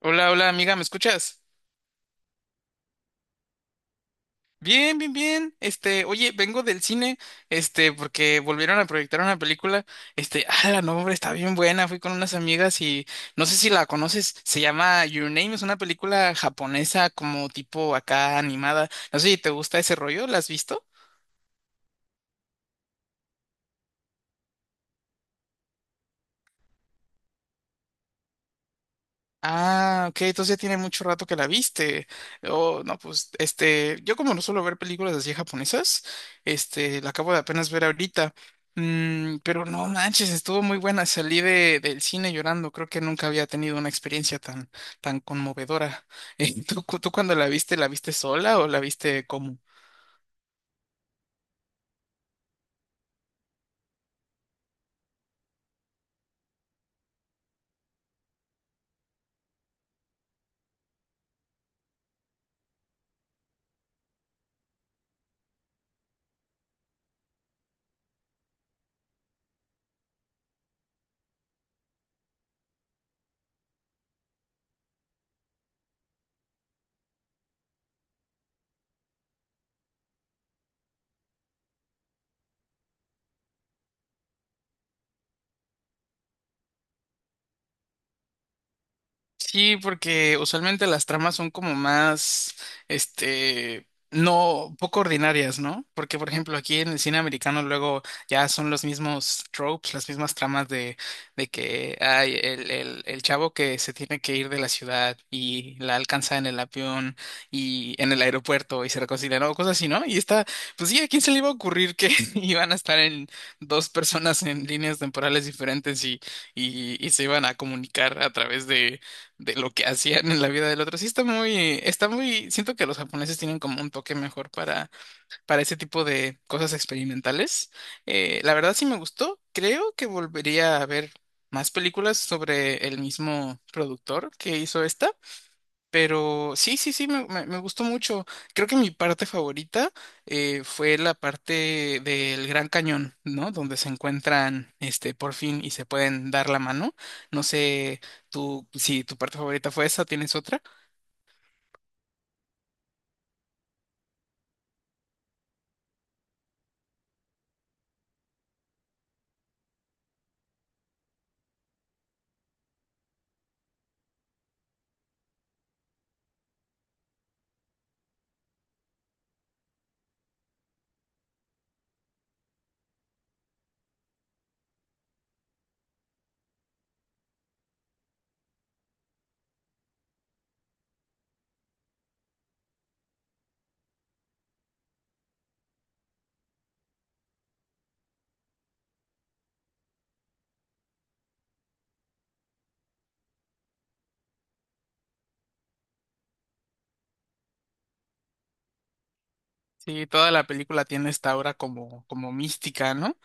Hola, hola amiga, ¿me escuchas? Bien, bien, bien. Oye, vengo del cine, porque volvieron a proyectar una película. La nombre está bien buena. Fui con unas amigas y no sé si la conoces. Se llama Your Name, es una película japonesa como tipo acá animada. No sé si te gusta ese rollo, ¿la has visto? Ah, ok, entonces ya tiene mucho rato que la viste. Oh, no, pues, yo como no suelo ver películas así japonesas, la acabo de apenas ver ahorita. Pero no manches, estuvo muy buena. Salí del cine llorando. Creo que nunca había tenido una experiencia tan, tan conmovedora. ¿Tú cuando la viste sola o la viste como? Sí, porque usualmente las tramas son como más, no, poco ordinarias, ¿no? Porque, por ejemplo, aquí en el cine americano luego ya son los mismos tropes, las mismas tramas de que hay el chavo que se tiene que ir de la ciudad y la alcanza en el avión y en el aeropuerto y se reconcilian o cosas así, ¿no? Y está, pues sí, ¿a quién se le iba a ocurrir que iban a estar en dos personas en líneas temporales diferentes y se iban a comunicar a través de lo que hacían en la vida del otro. Sí siento que los japoneses tienen como un toque mejor para ese tipo de cosas experimentales. La verdad sí me gustó. Creo que volvería a ver más películas sobre el mismo productor que hizo esta. Pero sí, sí, sí, me gustó mucho. Creo que mi parte favorita fue la parte del Gran Cañón, ¿no? Donde se encuentran, por fin y se pueden dar la mano. No sé, tú, si tu parte favorita fue esa, ¿tienes otra? Sí, toda la película tiene esta aura como mística, ¿no?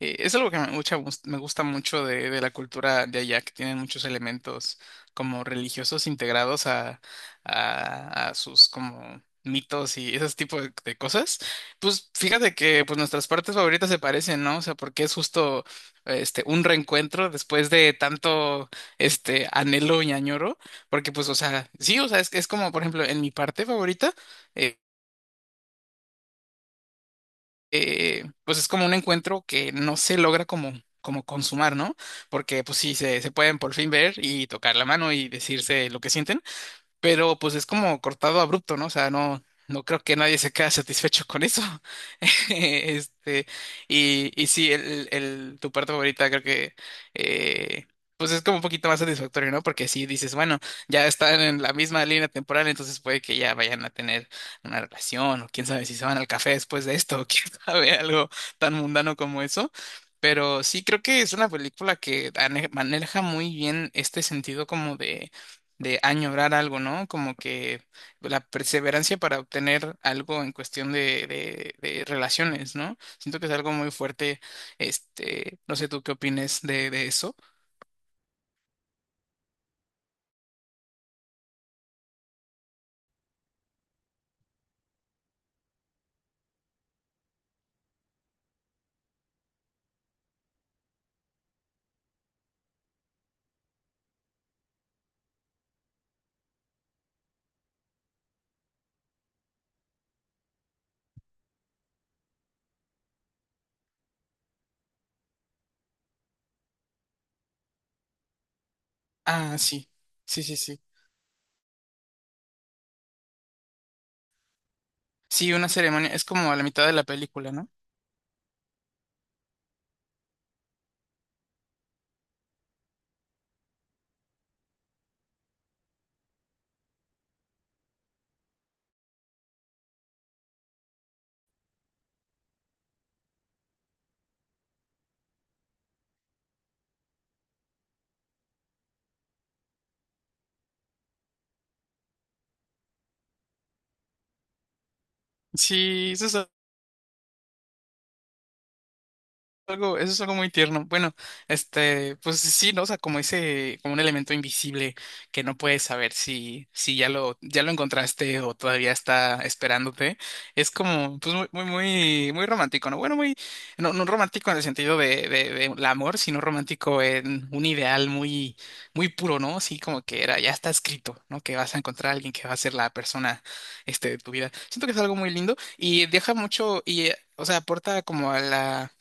Es algo que me gusta mucho de la cultura de allá, que tienen muchos elementos como religiosos integrados a, a sus como mitos y ese tipo de cosas. Pues fíjate que pues nuestras partes favoritas se parecen, ¿no? O sea, porque es justo un reencuentro después de tanto anhelo y añoro, porque pues, o sea, sí, o sea, es como, por ejemplo, en mi parte favorita. eh, pues es como un encuentro que no se logra como consumar, ¿no? Porque pues sí, se pueden por fin ver y tocar la mano y decirse lo que sienten, pero pues es como cortado abrupto, ¿no? O sea, no creo que nadie se quede satisfecho con eso. Este, y sí, tu parte favorita creo que eh, pues es como un poquito más satisfactorio, ¿no? Porque sí dices, bueno, ya están en la misma línea temporal, entonces puede que ya vayan a tener una relación, o quién sabe si se van al café después de esto, o quién sabe, algo tan mundano como eso. Pero sí creo que es una película que maneja muy bien este sentido como de añorar algo, ¿no? Como que la perseverancia para obtener algo en cuestión de relaciones, ¿no? Siento que es algo muy fuerte, no sé tú qué opines de eso. Ah, sí, sí, sí, sí. Sí, una ceremonia, es como a la mitad de la película, ¿no? Sí, eso es algo muy tierno. Bueno, pues sí, ¿no? O sea, como ese, como un elemento invisible que no puedes saber si ya lo encontraste o todavía está esperándote. Es como, pues muy, muy, muy, muy romántico, ¿no? Bueno, muy, no, no romántico en el sentido de el amor, sino romántico en un ideal muy, muy puro, ¿no? Así como que era, ya está escrito, ¿no? Que vas a encontrar a alguien que va a ser la persona, de tu vida. Siento que es algo muy lindo y deja mucho, o sea, aporta como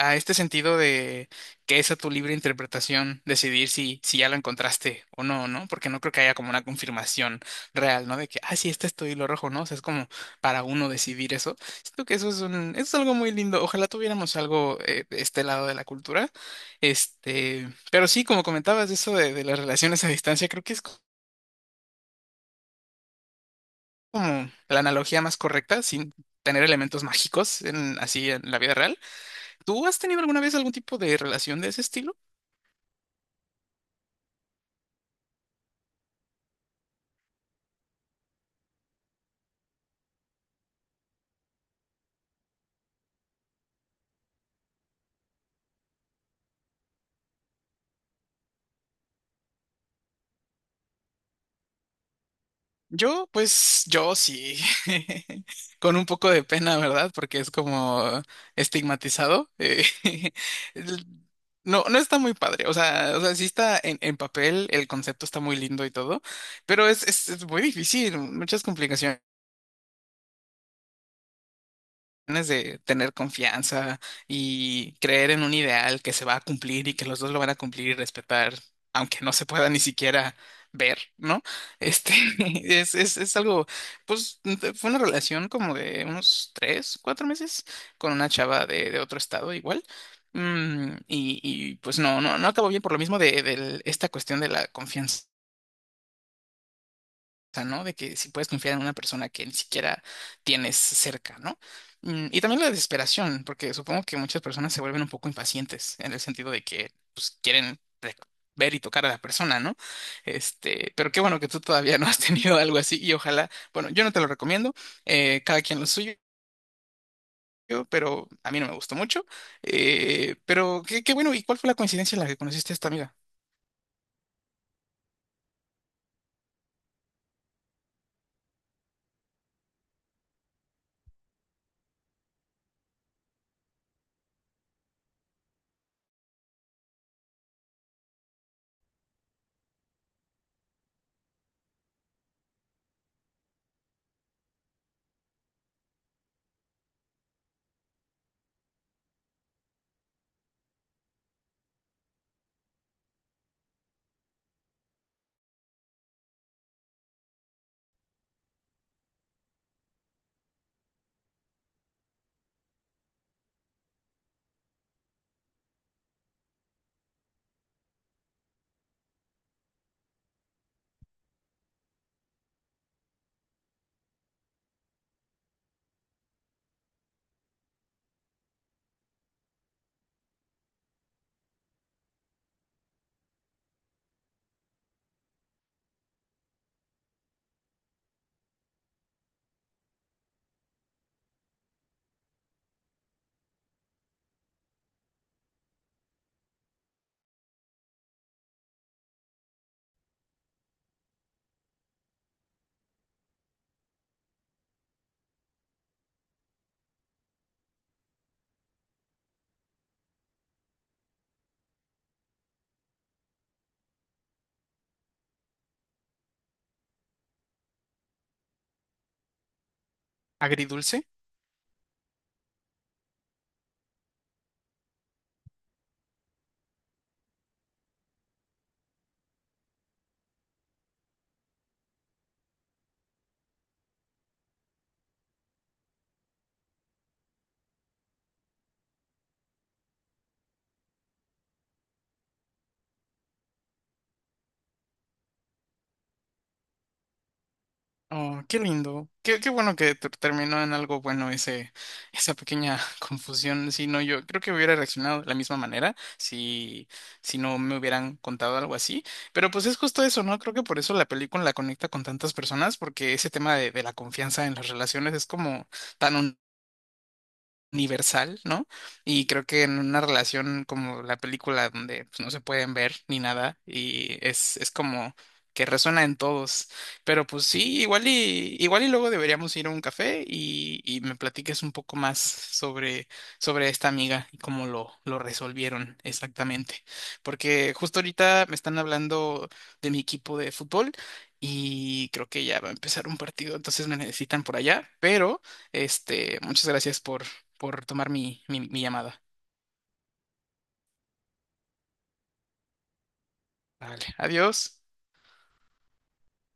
a este sentido de que es a tu libre interpretación decidir si ya lo encontraste o no, ¿no? Porque no creo que haya como una confirmación real, ¿no? De que, ah, sí, este es tu hilo rojo, ¿no? O sea, es como para uno decidir eso. Siento que eso es algo muy lindo. Ojalá tuviéramos algo de este lado de la cultura. Pero sí, como comentabas, eso de las relaciones a distancia, creo que es como la analogía más correcta, sin tener elementos mágicos así en la vida real. ¿Tú has tenido alguna vez algún tipo de relación de ese estilo? Yo, pues, yo sí, con un poco de pena, ¿verdad? Porque es como estigmatizado. El- No, no está muy padre. O sea, sí está en papel, el concepto está muy lindo y todo, pero es muy difícil, muchas complicaciones. De tener confianza y creer en un ideal que se va a cumplir y que los dos lo van a cumplir y respetar, aunque no se pueda ni siquiera ver, ¿no? Este es, es, es algo, pues fue una relación como de unos 3, 4 meses con una chava de otro estado igual. Y pues no acabó bien por lo mismo de esta cuestión de la confianza sea, ¿no? De que si puedes confiar en una persona que ni siquiera tienes cerca, ¿no? Y también la desesperación, porque supongo que muchas personas se vuelven un poco impacientes en el sentido de que pues, quieren ver y tocar a la persona, ¿no? Pero qué bueno que tú todavía no has tenido algo así y ojalá, bueno, yo no te lo recomiendo, cada quien lo suyo. Pero a mí no me gustó mucho. Pero qué, qué bueno, ¿y cuál fue la coincidencia en la que conociste a esta amiga? ¿Agridulce? Oh, qué lindo. Qué, qué bueno que terminó en algo bueno ese, esa pequeña confusión. Si no, yo creo que hubiera reaccionado de la misma manera si no me hubieran contado algo así. Pero pues es justo eso, ¿no? Creo que por eso la película la conecta con tantas personas, porque ese tema de la confianza en las relaciones es como tan universal, ¿no? Y creo que en una relación como la película donde pues, no se pueden ver ni nada y es como que resuena en todos. Pero pues sí, igual y luego deberíamos ir a un café y me platiques un poco más sobre esta amiga y cómo lo resolvieron exactamente. Porque justo ahorita me están hablando de mi equipo de fútbol y creo que ya va a empezar un partido, entonces me necesitan por allá, pero. Muchas gracias por tomar mi llamada. Vale, adiós.